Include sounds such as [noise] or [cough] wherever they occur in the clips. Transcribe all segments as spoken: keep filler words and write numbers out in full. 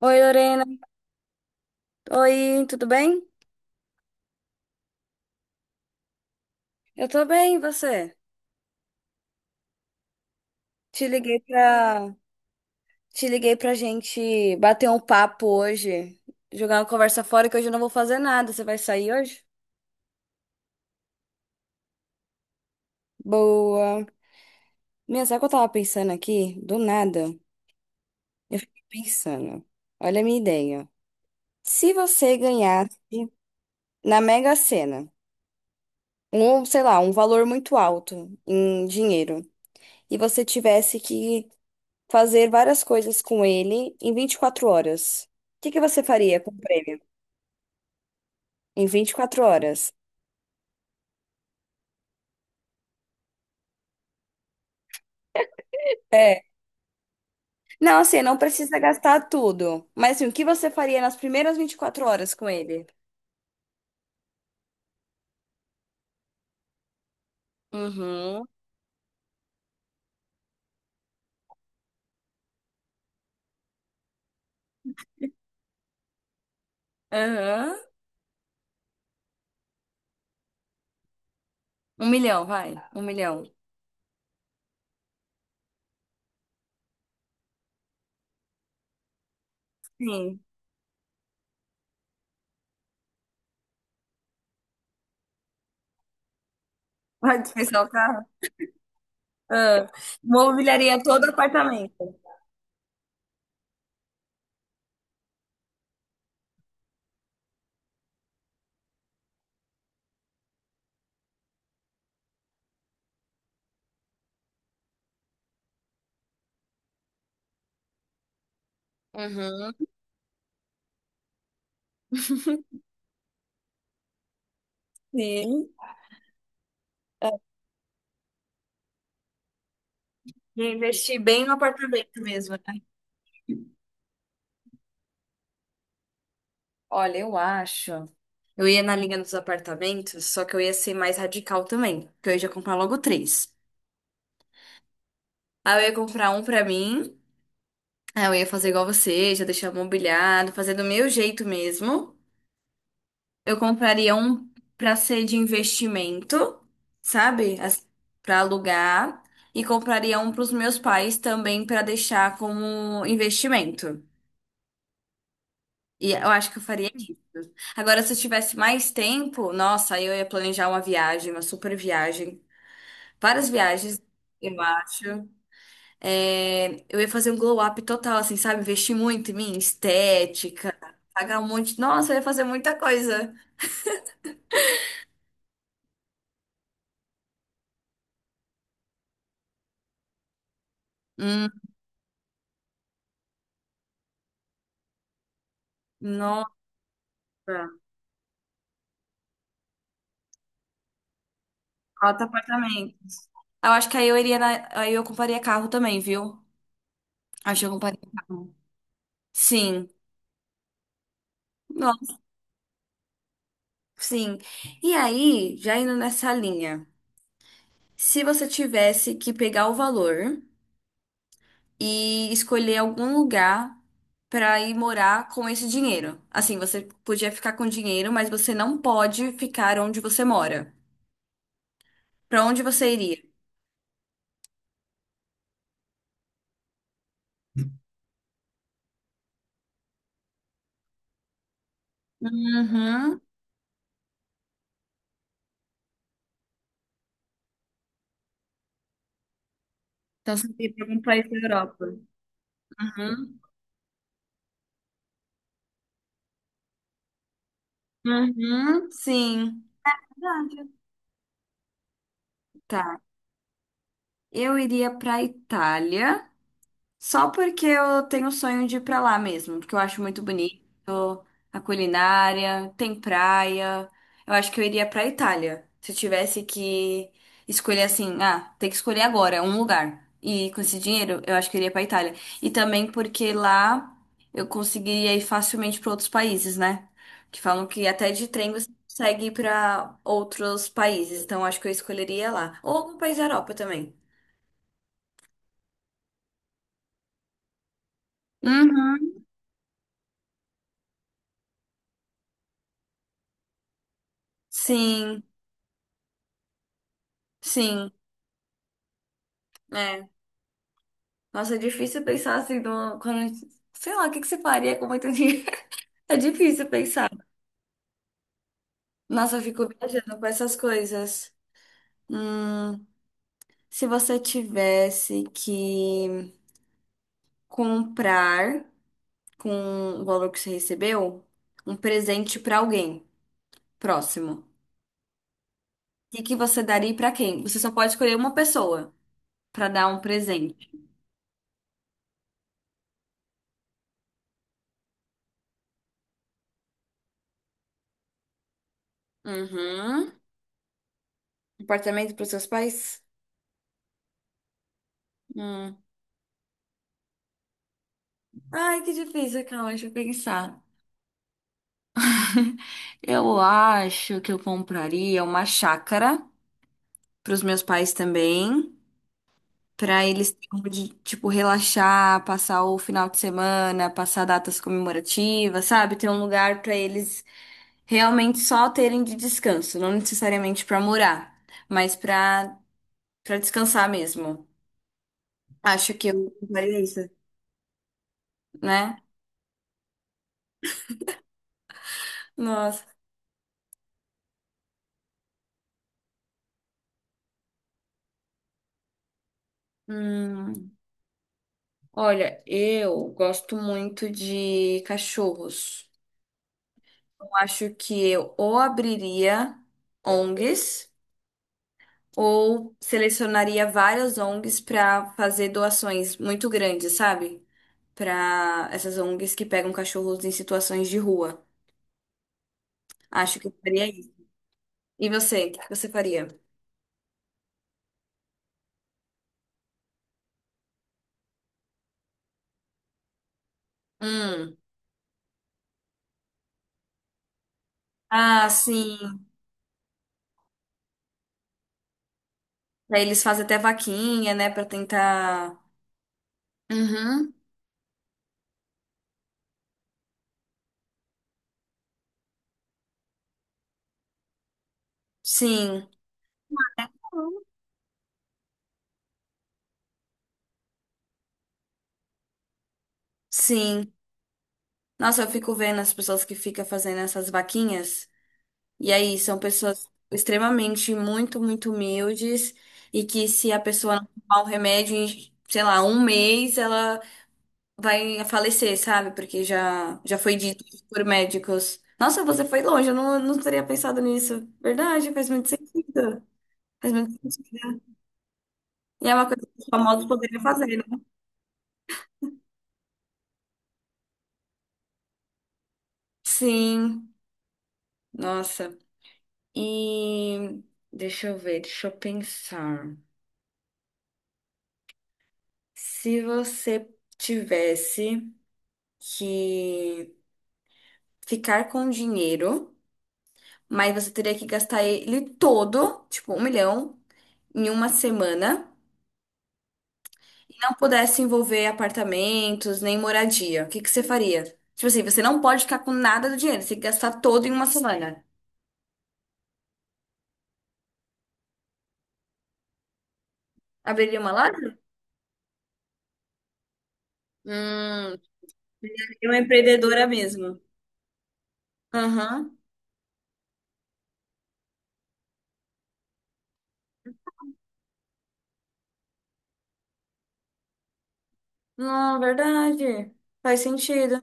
Oi, Lorena. Oi, tudo bem? Eu tô bem, e você? Te liguei pra, te liguei pra gente bater um papo hoje, jogar uma conversa fora que hoje eu não vou fazer nada. Você vai sair hoje? Boa. Minha, sabe o que eu tava pensando aqui? Do nada. Eu fiquei pensando. Olha a minha ideia. Se você ganhasse na Mega Sena, um, sei lá, um valor muito alto em dinheiro, e você tivesse que fazer várias coisas com ele em vinte e quatro horas. O que que você faria com o prêmio? Em vinte e quatro horas. Não, assim, não precisa gastar tudo. Mas assim, o que você faria nas primeiras vinte e quatro horas com ele? Uhum. Aham. Um milhão, vai. Um milhão. Sim. Vai dispensar o carro? Ah. Mobiliaria todo o apartamento. Uhum. Sim. Ah, e investir bem no apartamento mesmo, né? Olha, eu acho. Eu ia na linha dos apartamentos, só que eu ia ser mais radical também, porque eu ia já comprar logo três. Aí eu ia comprar um pra mim, aí eu ia fazer igual você, já deixar mobiliado, fazer do meu jeito mesmo. Eu compraria um pra ser de investimento, sabe? As- Pra alugar. E compraria um pros meus pais também pra deixar como investimento. E eu acho que eu faria isso. Agora, se eu tivesse mais tempo, nossa, aí eu ia planejar uma viagem, uma super viagem. Várias viagens, eu acho. É, eu ia fazer um glow up total, assim, sabe? Investir muito em mim, estética, pagar um monte. Nossa, eu ia fazer muita coisa. Hum, nossa, quatro apartamentos. Eu acho que aí eu iria na- aí eu compraria carro também, viu? Acho que eu compraria carro. Sim, nossa, sim. E aí, já indo nessa linha, se você tivesse que pegar o valor. E escolher algum lugar para ir morar com esse dinheiro. Assim, você podia ficar com dinheiro, mas você não pode ficar onde você mora. Para onde você iria? Uhum. Então, você iria pra algum país da Europa. Uhum. Uhum. Sim. Verdade. Tá. Eu iria pra Itália. Só porque eu tenho o sonho de ir pra lá mesmo, porque eu acho muito bonito a culinária, tem praia. Eu acho que eu iria pra Itália. Se eu tivesse que escolher assim, ah, tem que escolher agora um lugar. E com esse dinheiro, eu acho que eu iria pra Itália. E também porque lá eu conseguiria ir facilmente pra outros países, né? Que falam que até de trem você consegue ir pra outros países. Então eu acho que eu escolheria lá. Ou algum país da Europa também. Uhum. Sim, sim. É. Nossa, é difícil pensar assim, numa- quando, a gente- sei lá, o que que você faria com muito dinheiro? [laughs] É difícil pensar. Nossa, eu fico viajando com essas coisas. Hum, se você tivesse que comprar com o valor que você recebeu, um presente pra alguém próximo, o que que você daria e pra quem? Você só pode escolher uma pessoa pra dar um presente. Uhum. Apartamento pros seus pais? Hum. Ai, que difícil, calma, deixa eu pensar. Eu acho que eu compraria uma chácara para os meus pais também, para eles terem onde, tipo, relaxar, passar o final de semana, passar datas comemorativas, sabe? Ter um lugar para eles realmente só terem de descanso, não necessariamente para morar, mas para para descansar mesmo. Acho que eu faria isso, né? Nossa. Hum, olha, eu gosto muito de cachorros. Eu acho que eu ou abriria ONGs ou selecionaria várias ONGs para fazer doações muito grandes, sabe? Para essas ONGs que pegam cachorros em situações de rua. Acho que eu faria isso. E você? O que você faria? Hum. Ah, sim. Aí eles fazem até vaquinha, né, para tentar. Uhum. Sim, sim. Nossa, eu fico vendo as pessoas que ficam fazendo essas vaquinhas. E aí, são pessoas extremamente muito, muito humildes e que se a pessoa não tomar um remédio em, sei lá, um mês, ela vai falecer, sabe? Porque já, já foi dito por médicos. Nossa, você foi longe, eu não, não teria pensado nisso. Verdade, faz muito sentido. Faz muito sentido. E é uma coisa que os famosos poderiam fazer, né? Sim, nossa. E deixa eu ver, deixa eu pensar. Se você tivesse que ficar com dinheiro, mas você teria que gastar ele todo, tipo, um milhão, em uma semana, e não pudesse envolver apartamentos nem moradia. O que que você faria? Tipo assim, você não pode ficar com nada do dinheiro, você tem que gastar todo em uma semana. Abriria uma loja? Hum, seria uma empreendedora mesmo. Aham. Não, verdade. Faz sentido.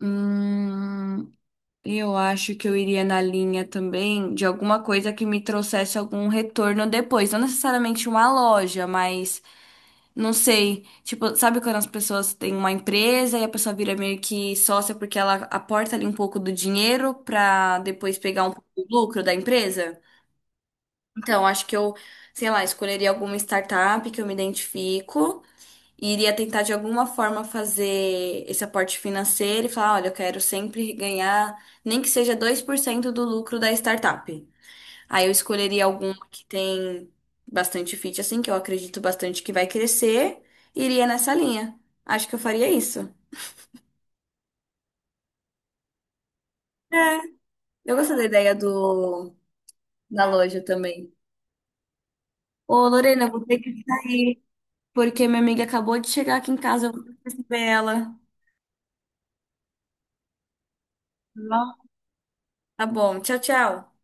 Hum. Eu acho que eu iria na linha também de alguma coisa que me trouxesse algum retorno depois. Não necessariamente uma loja, mas não sei. Tipo, sabe quando as pessoas têm uma empresa e a pessoa vira meio que sócia porque ela aporta ali um pouco do dinheiro pra depois pegar um pouco do lucro da empresa? Então, acho que eu, sei lá, escolheria alguma startup que eu me identifico e iria tentar de alguma forma fazer esse aporte financeiro e falar, olha, eu quero sempre ganhar nem que seja dois por cento do lucro da startup. Aí eu escolheria alguma que tem bastante fit, assim, que eu acredito bastante que vai crescer, e iria nessa linha. Acho que eu faria isso. É, eu gosto da ideia do da loja também. Ô, Lorena, eu vou ter que sair, porque minha amiga acabou de chegar aqui em casa, eu vou receber ela. Tá bom, tá bom, tchau, tchau.